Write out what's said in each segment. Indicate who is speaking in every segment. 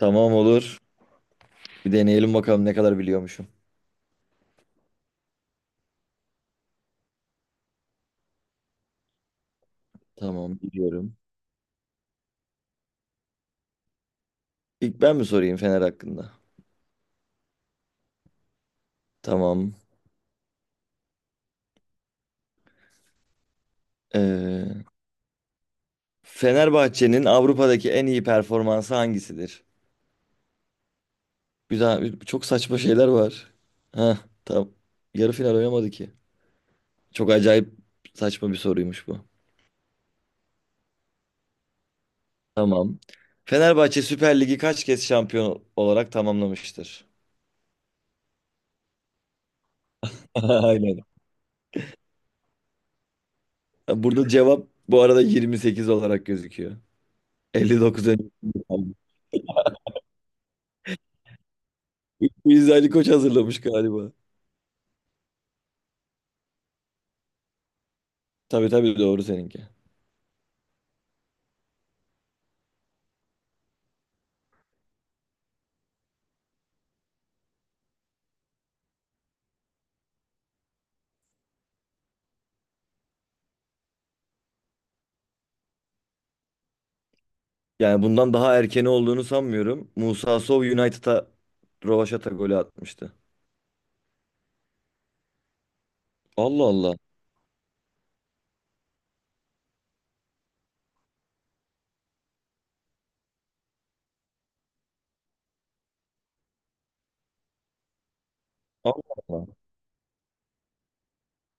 Speaker 1: Tamam, olur. Bir deneyelim bakalım ne kadar biliyormuşum. Tamam, biliyorum. İlk ben mi sorayım Fener hakkında? Tamam. Ee, Fenerbahçe'nin Avrupa'daki en iyi performansı hangisidir? Güzel, çok saçma şeyler var. Ha, tamam. Yarı final oynamadı ki. Çok acayip saçma bir soruymuş bu. Tamam. Fenerbahçe Süper Ligi kaç kez şampiyon olarak tamamlamıştır? Aynen. Burada cevap bu arada 28 olarak gözüküyor. 59 önce. Biz Ali Koç hazırlamış galiba. Tabii tabii, doğru seninki. Yani bundan daha erkeni olduğunu sanmıyorum. Musa Sow United'a rövaşata golü atmıştı. Allah Allah. Allah Allah.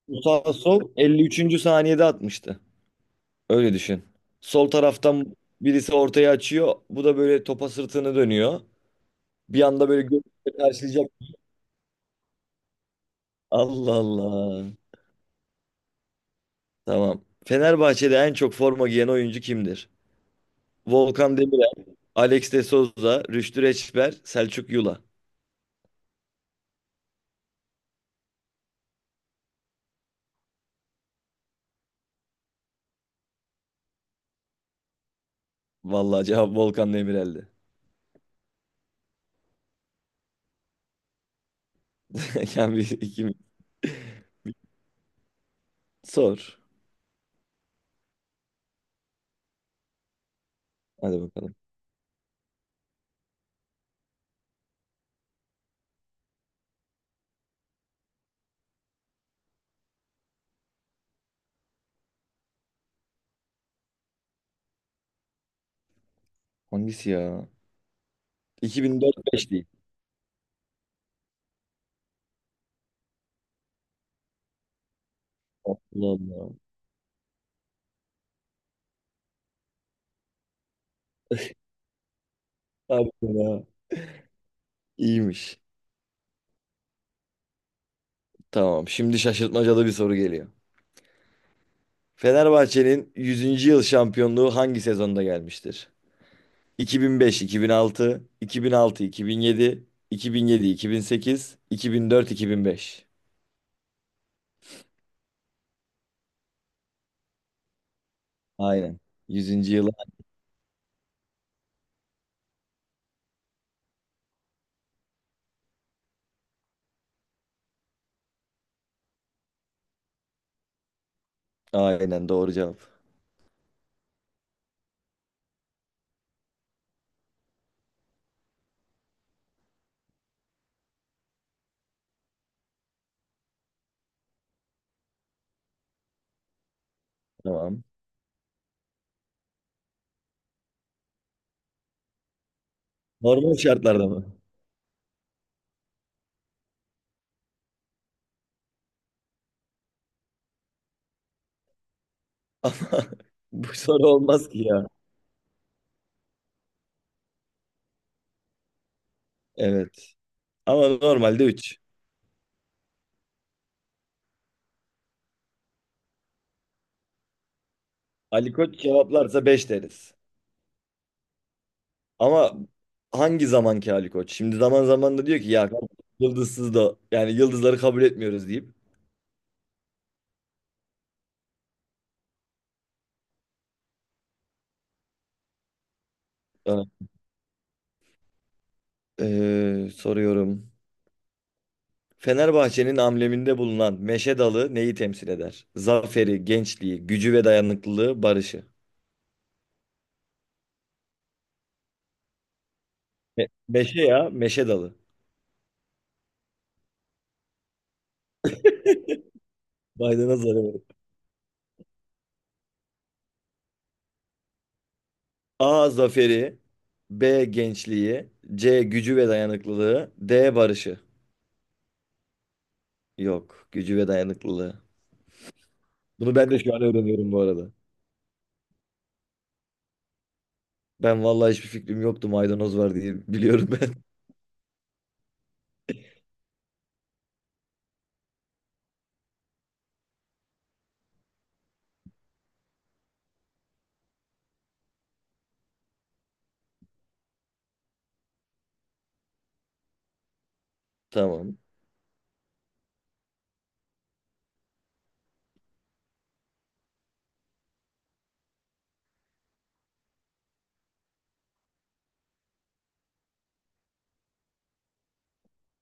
Speaker 1: Musa Sow 53. saniyede atmıştı. Öyle düşün. Sol taraftan birisi ortaya açıyor. Bu da böyle topa sırtını dönüyor. Bir anda böyle gözle karşılayacak. Allah Allah. Tamam. Fenerbahçe'de en çok forma giyen oyuncu kimdir? Volkan Demirel, Alex de Souza, Rüştü Reçber, Selçuk Yula. Vallahi cevap Volkan Demirel'di. Kendi ikimiz. Sor. Hadi bakalım. Hangisi ya? İki bin dört beş değil. Allah Allah. Harbiden ha. İyiymiş. Tamam. Şimdi şaşırtmacalı bir soru geliyor. Fenerbahçe'nin yüzüncü yıl şampiyonluğu hangi sezonda gelmiştir? Bin bin beş-iki bin altı, iki bin altı-iki bin beş, iki iki iki iki iki altı, altı, yedi, yedi, bin sekiz, iki bin dört, iki bin beş. Aynen. Yüzüncü yıl. Aynen, doğru cevap. Tamam. Normal şartlarda mı? Ama bu soru olmaz ki ya. Evet. Ama normalde üç. Ali Koç cevaplarsa 5 deriz. Ama hangi zamanki Ali Koç? Şimdi zaman zaman da diyor ki ya kardeşim, yıldızsız da, yani yıldızları kabul etmiyoruz deyip. Evet. Soruyorum. Fenerbahçe'nin ambleminde bulunan meşe dalı neyi temsil eder? Zaferi, gençliği, gücü ve dayanıklılığı, barışı. Me- meşe ya, meşe dalı. Maydanoz dalı. A, zaferi. B, gençliği. C, gücü ve dayanıklılığı. D, barışı. Yok. Gücü ve dayanıklılığı. Bunu ben de şu an öğreniyorum bu arada. Ben vallahi hiçbir fikrim yoktu, maydanoz var diye biliyorum ben. Tamam.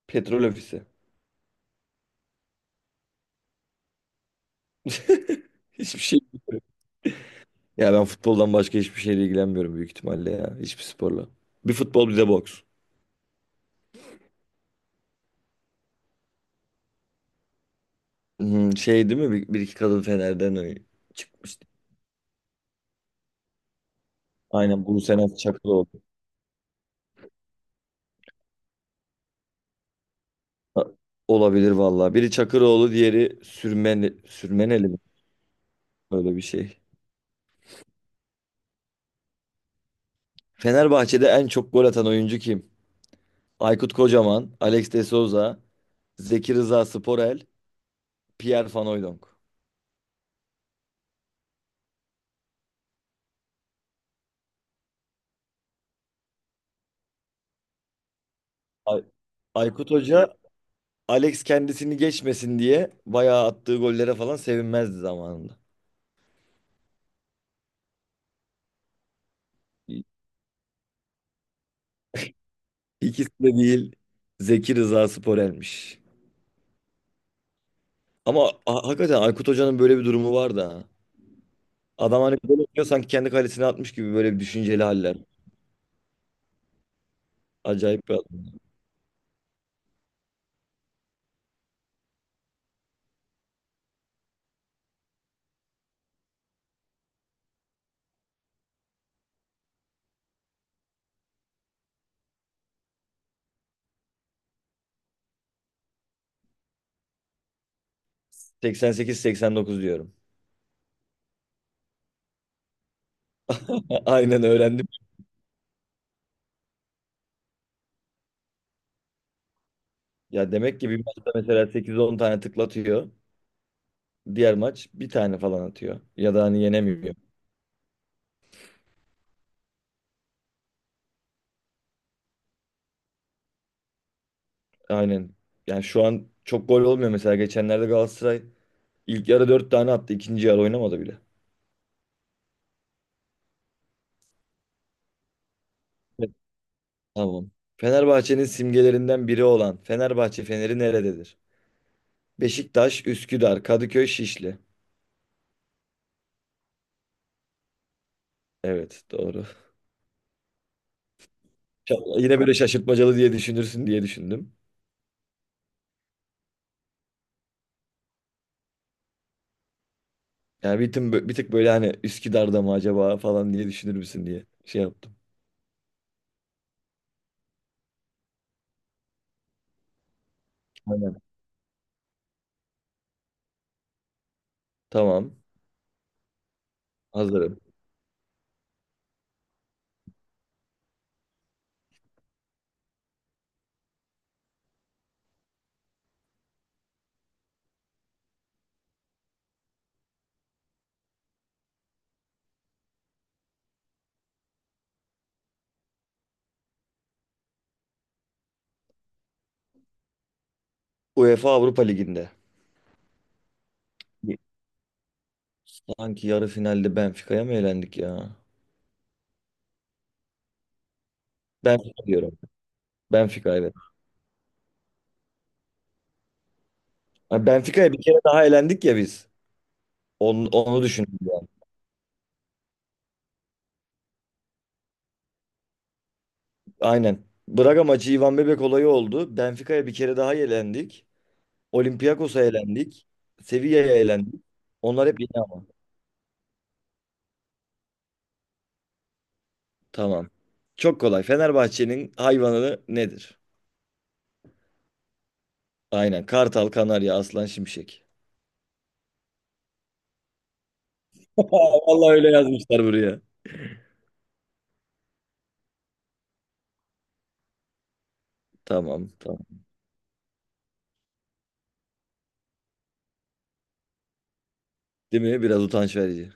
Speaker 1: Petrol ofisi. Hiçbir şey. Ya ben futboldan başka hiçbir şeyle ilgilenmiyorum büyük ihtimalle ya. Hiçbir sporla. Bir futbol bir de boks. Hmm, şey değil mi? Bir, bir iki kadın Fener'den çıkmıştı. Aynen, Buse Naz Çakıroğlu. Ha, olabilir vallahi. Biri Çakıroğlu, diğeri Sürmeneli mi? Öyle bir şey. Fenerbahçe'de en çok gol atan oyuncu kim? Aykut Kocaman, Alex de Souza, Zeki Rıza Sporel, Pierre Van Hooijdonk. Ay- Aykut Hoca. Alex kendisini geçmesin diye bayağı attığı gollere falan sevinmezdi zamanında. İ- İkisi de değil. Zeki Rıza Sporel'miş. Ama hakikaten Aykut Hoca'nın böyle bir durumu var da. Adam hani böyle oynuyor sanki kendi kalesine atmış gibi, böyle bir düşünceli haller. Acayip bir adam. 88-89 diyorum. Aynen, öğrendim. Ya demek ki bir maçta mesela 8-10 tane tıklatıyor. Diğer maç bir tane falan atıyor. Ya da hani yenemiyor. Aynen. Yani şu an çok gol olmuyor mesela. Geçenlerde Galatasaray ilk yarı 4 tane attı. İkinci yarı oynamadı bile. Evet. Tamam. Fenerbahçe'nin simgelerinden biri olan Fenerbahçe Feneri nerededir? Beşiktaş, Üsküdar, Kadıköy, Şişli. Evet, doğru. Yine böyle şaşırtmacalı diye düşünürsün diye düşündüm. Yani bir tık böyle hani Üsküdar'da mı acaba falan diye düşünür müsün diye şey yaptım. Aynen. Tamam. Hazırım. UEFA Avrupa Ligi'nde. Sanki yarı finalde Benfica'ya mı elendik ya? Benfica diyorum. Benfica, evet. Ha, Benfica'ya bir kere daha elendik ya biz. Onu düşündüm yani. Aynen. Braga maçı Ivan Bebek olayı oldu. Benfica'ya bir kere daha elendik. Olympiakos'a elendik. Sevilla'ya elendik. Onlar hep yeni ama. Tamam. Çok kolay. Fenerbahçe'nin hayvanı nedir? Aynen. Kartal, Kanarya, Aslan, Şimşek. Vallahi öyle yazmışlar buraya. Tamam, tamam. Değil mi? Biraz utanç verici.